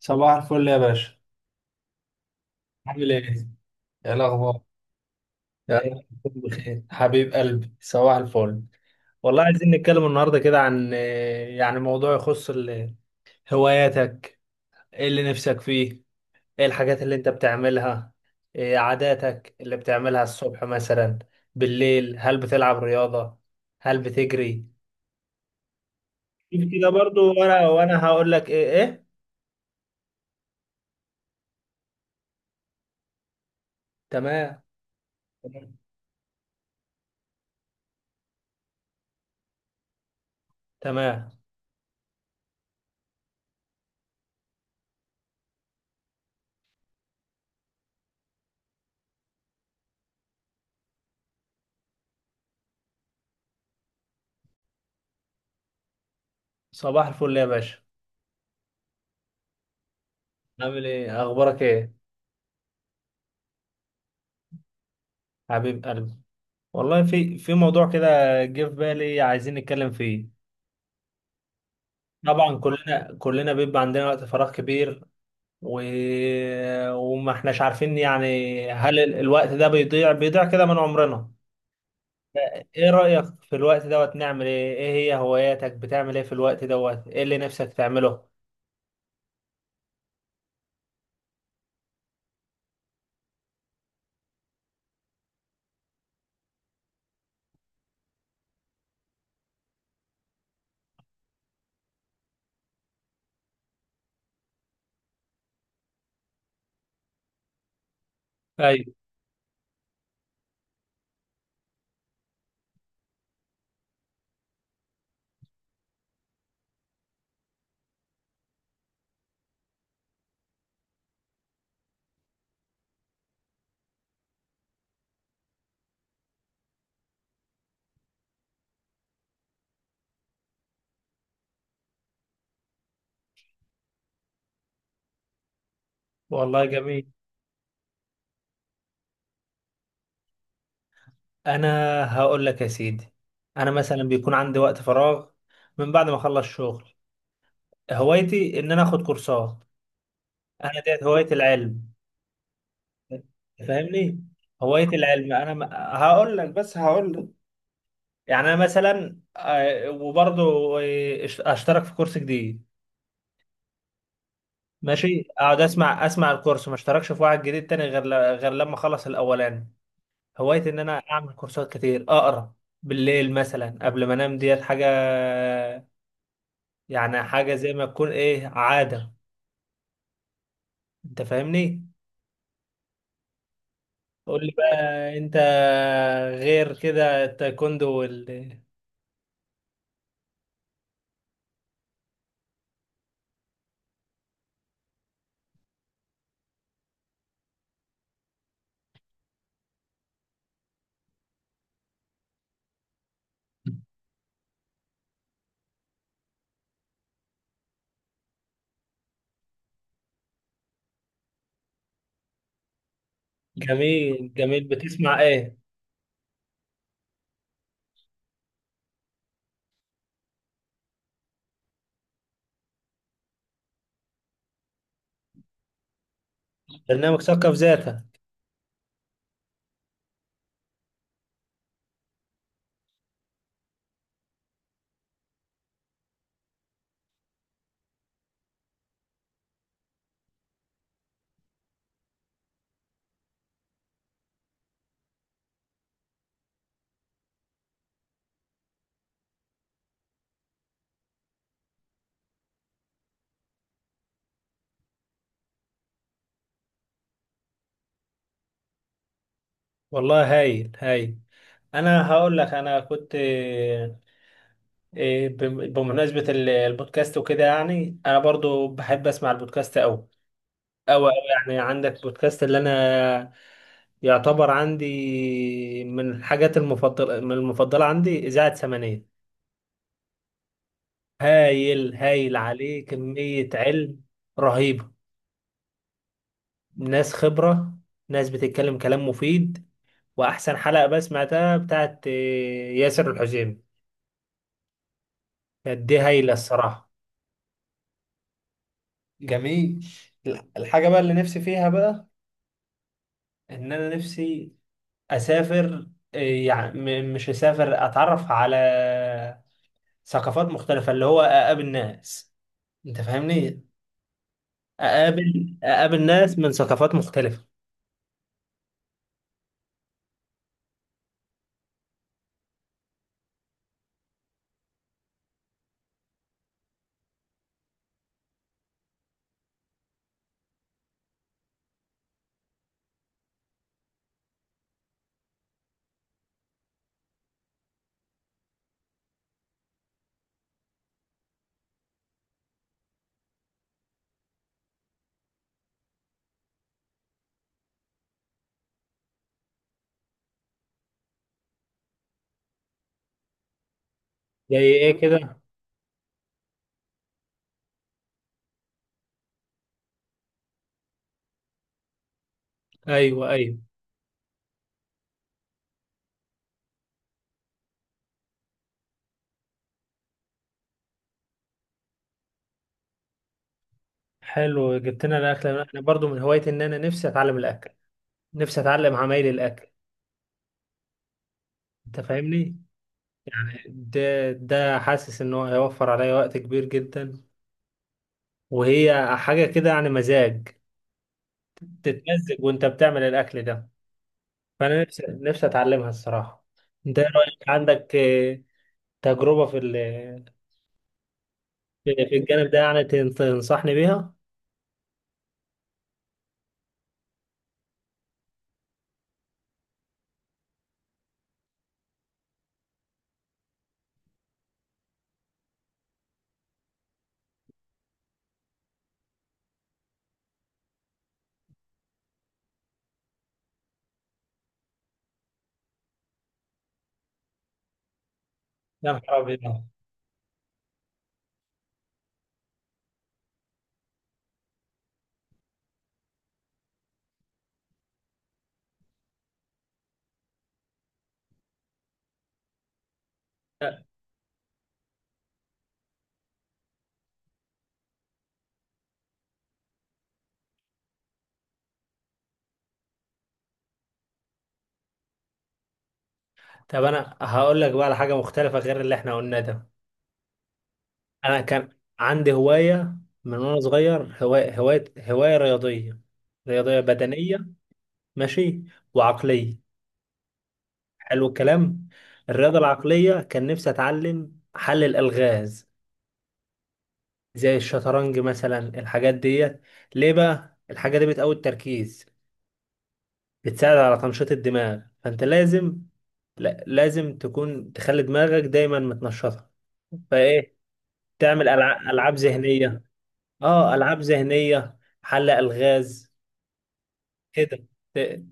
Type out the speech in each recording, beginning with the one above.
صباح الفل يا باشا. عامل ايه؟ يا الاخبار. رب تكون بخير حبيب قلبي. صباح الفل. والله عايزين نتكلم النهارده كده عن يعني موضوع يخص هواياتك. ايه اللي نفسك فيه؟ ايه الحاجات اللي انت بتعملها؟ إيه عاداتك اللي بتعملها الصبح مثلا؟ بالليل هل بتلعب رياضة؟ هل بتجري؟ شوف كده برضو، وانا هقول لك ايه. تمام. تمام. صباح الفل يا باشا. عامل ايه؟ اخبارك ايه؟ حبيب قلبي، والله في موضوع كده جه في بالي عايزين نتكلم فيه. طبعا كلنا بيبقى عندنا وقت فراغ كبير، و... وما احناش عارفين يعني هل الوقت ده بيضيع بيضيع كده من عمرنا. ايه رأيك في الوقت دوت نعمل ايه؟ ايه هي هواياتك؟ بتعمل ايه في الوقت دوت؟ ايه اللي نفسك تعمله؟ ايوه. والله جميل. انا هقول لك يا سيدي، انا مثلا بيكون عندي وقت فراغ من بعد ما اخلص شغل. هوايتي ان انا اخد كورسات. انا ديت هواية العلم، فاهمني. هواية العلم، انا هقول لك، بس هقول لك، يعني انا مثلا وبرضه اشترك في كورس جديد، ماشي، اقعد اسمع اسمع الكورس، ما اشتركش في واحد جديد تاني غير لما اخلص الاولاني. هوايتي ان انا اعمل كورسات كتير، اقرا بالليل مثلا قبل ما انام. ديت حاجة، يعني حاجة زي ما تكون ايه عادة. انت فاهمني؟ قول لي بقى. انت غير كده التايكوندو والكاراتيه؟ جميل جميل. بتسمع ايه؟ برنامج ثقف ذاتك. والله هايل هايل. انا هقول لك، انا كنت بمناسبة البودكاست وكده، يعني انا برضو بحب اسمع البودكاست اوي اوي اوي. يعني عندك بودكاست؟ اللي انا يعتبر عندي من الحاجات المفضلة، من المفضلة عندي إذاعة سمانية. هايل هايل، عليه كمية علم رهيبة. ناس خبرة، ناس بتتكلم كلام مفيد. واحسن حلقه بقى سمعتها بتاعت ياسر الحزيمي، كانت دي هايله الصراحه. جميل. الحاجة بقى اللي نفسي فيها بقى ان انا نفسي اسافر. يعني مش اسافر، اتعرف على ثقافات مختلفة، اللي هو اقابل ناس. انت فاهمني؟ اقابل اقابل ناس من ثقافات مختلفة. زي ايه كده؟ ايوه، ايوه. حلو جبت لنا الاكل. انا برضو من هوايتي ان انا نفسي اتعلم الاكل، نفسي اتعلم عمايل الاكل. انت فاهمني؟ يعني ده حاسس ان هو هيوفر عليا وقت كبير جدا. وهي حاجة كده يعني مزاج، تتمزج وانت بتعمل الاكل ده. فانا نفسي نفسي اتعلمها الصراحة. انت إيه رأيك؟ عندك تجربة في في الجانب ده؟ يعني تنصحني بيها. يا نهار أبيض. طب انا هقول لك بقى على حاجة مختلفة غير اللي احنا قلناه ده. انا كان عندي هواية من وانا صغير، هواية رياضية، رياضية بدنية. ماشي. وعقلية. حلو الكلام. الرياضة العقلية كان نفسي أتعلم حل الألغاز، زي الشطرنج مثلا، الحاجات ديت. ليه بقى؟ الحاجة دي بتقوي التركيز، بتساعد على تنشيط الدماغ، فأنت لازم، لا، لازم تكون تخلي دماغك دايما متنشطة. فإيه؟ تعمل ألعاب, ألعاب ذهنية. آه، ألعاب ذهنية، حل ألغاز. كده. ت-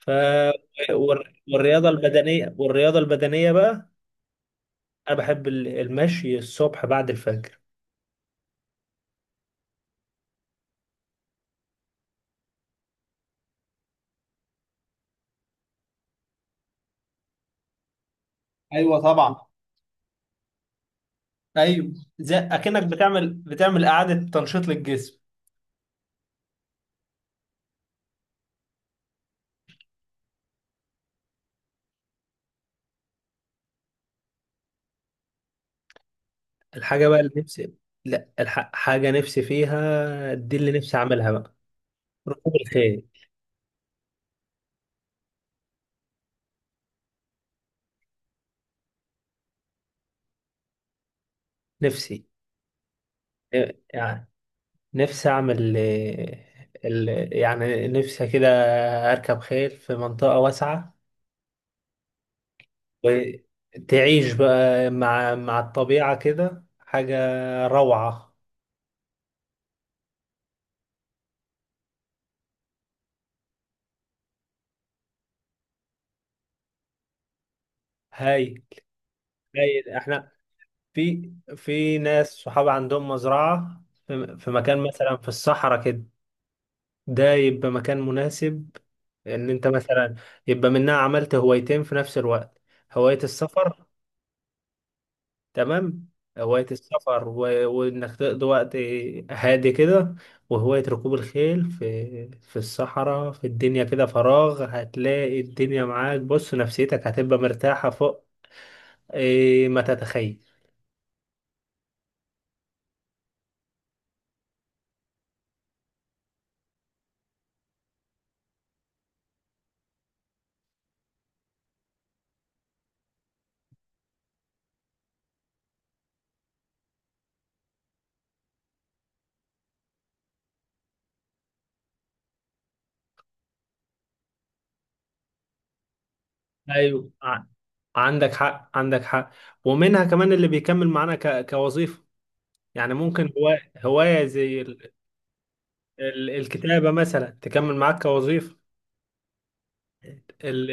ف والرياضة البدنية بقى، أنا بحب المشي الصبح بعد الفجر. ايوه طبعا. ايوه. زي اكنك بتعمل بتعمل اعاده تنشيط للجسم. الحاجة بقى اللي نفسي، لا، حاجة نفسي فيها دي، اللي نفسي أعملها بقى. ركوب الخيل. نفسي. يعني نفسي أعمل ال... يعني نفسي كده أركب خيل في منطقة واسعة، وتعيش بقى مع الطبيعة كده. حاجة روعة. هاي. هاي، احنا في ناس صحاب عندهم مزرعة في في مكان مثلا في الصحراء كده. ده يبقى مكان مناسب ان انت مثلا يبقى منها عملت هوايتين في نفس الوقت. هواية السفر. تمام. هواية السفر وانك تقضي وقت هادي كده، وهواية ركوب الخيل في الصحراء. في الدنيا كده فراغ هتلاقي الدنيا معاك. بص، نفسيتك هتبقى مرتاحة فوق. إيه ما تتخيل. ايوه، عندك حق، عندك حق. ومنها كمان اللي بيكمل معانا كوظيفه. يعني ممكن هوايه هوايه زي الكتابه مثلا تكمل معاك كوظيفه.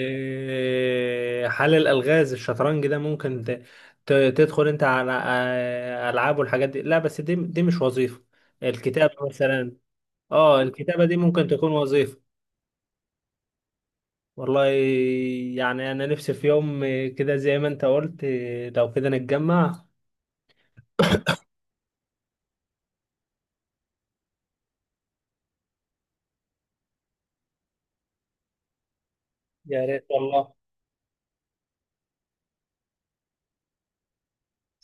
حل الالغاز، الشطرنج ده ممكن تدخل انت على العاب والحاجات دي. لا، بس دي مش وظيفه. الكتابه مثلا، اه، الكتابه دي ممكن تكون وظيفه. والله، يعني انا نفسي في يوم كده زي ما انت قلت، لو كده نتجمع. يا ريت والله.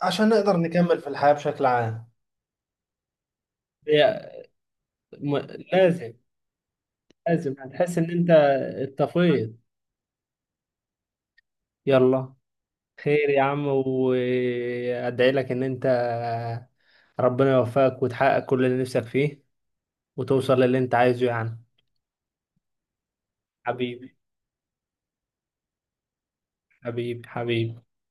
عشان نقدر نكمل في الحياة بشكل عام. هي م... لازم. لازم هتحس ان انت اتطفيت. يلا. خير يا عم. وادعي لك ان انت ربنا يوفقك وتحقق كل اللي نفسك فيه، وتوصل للي انت عايزه يعني. حبيبي، حبيبي، حبيبي.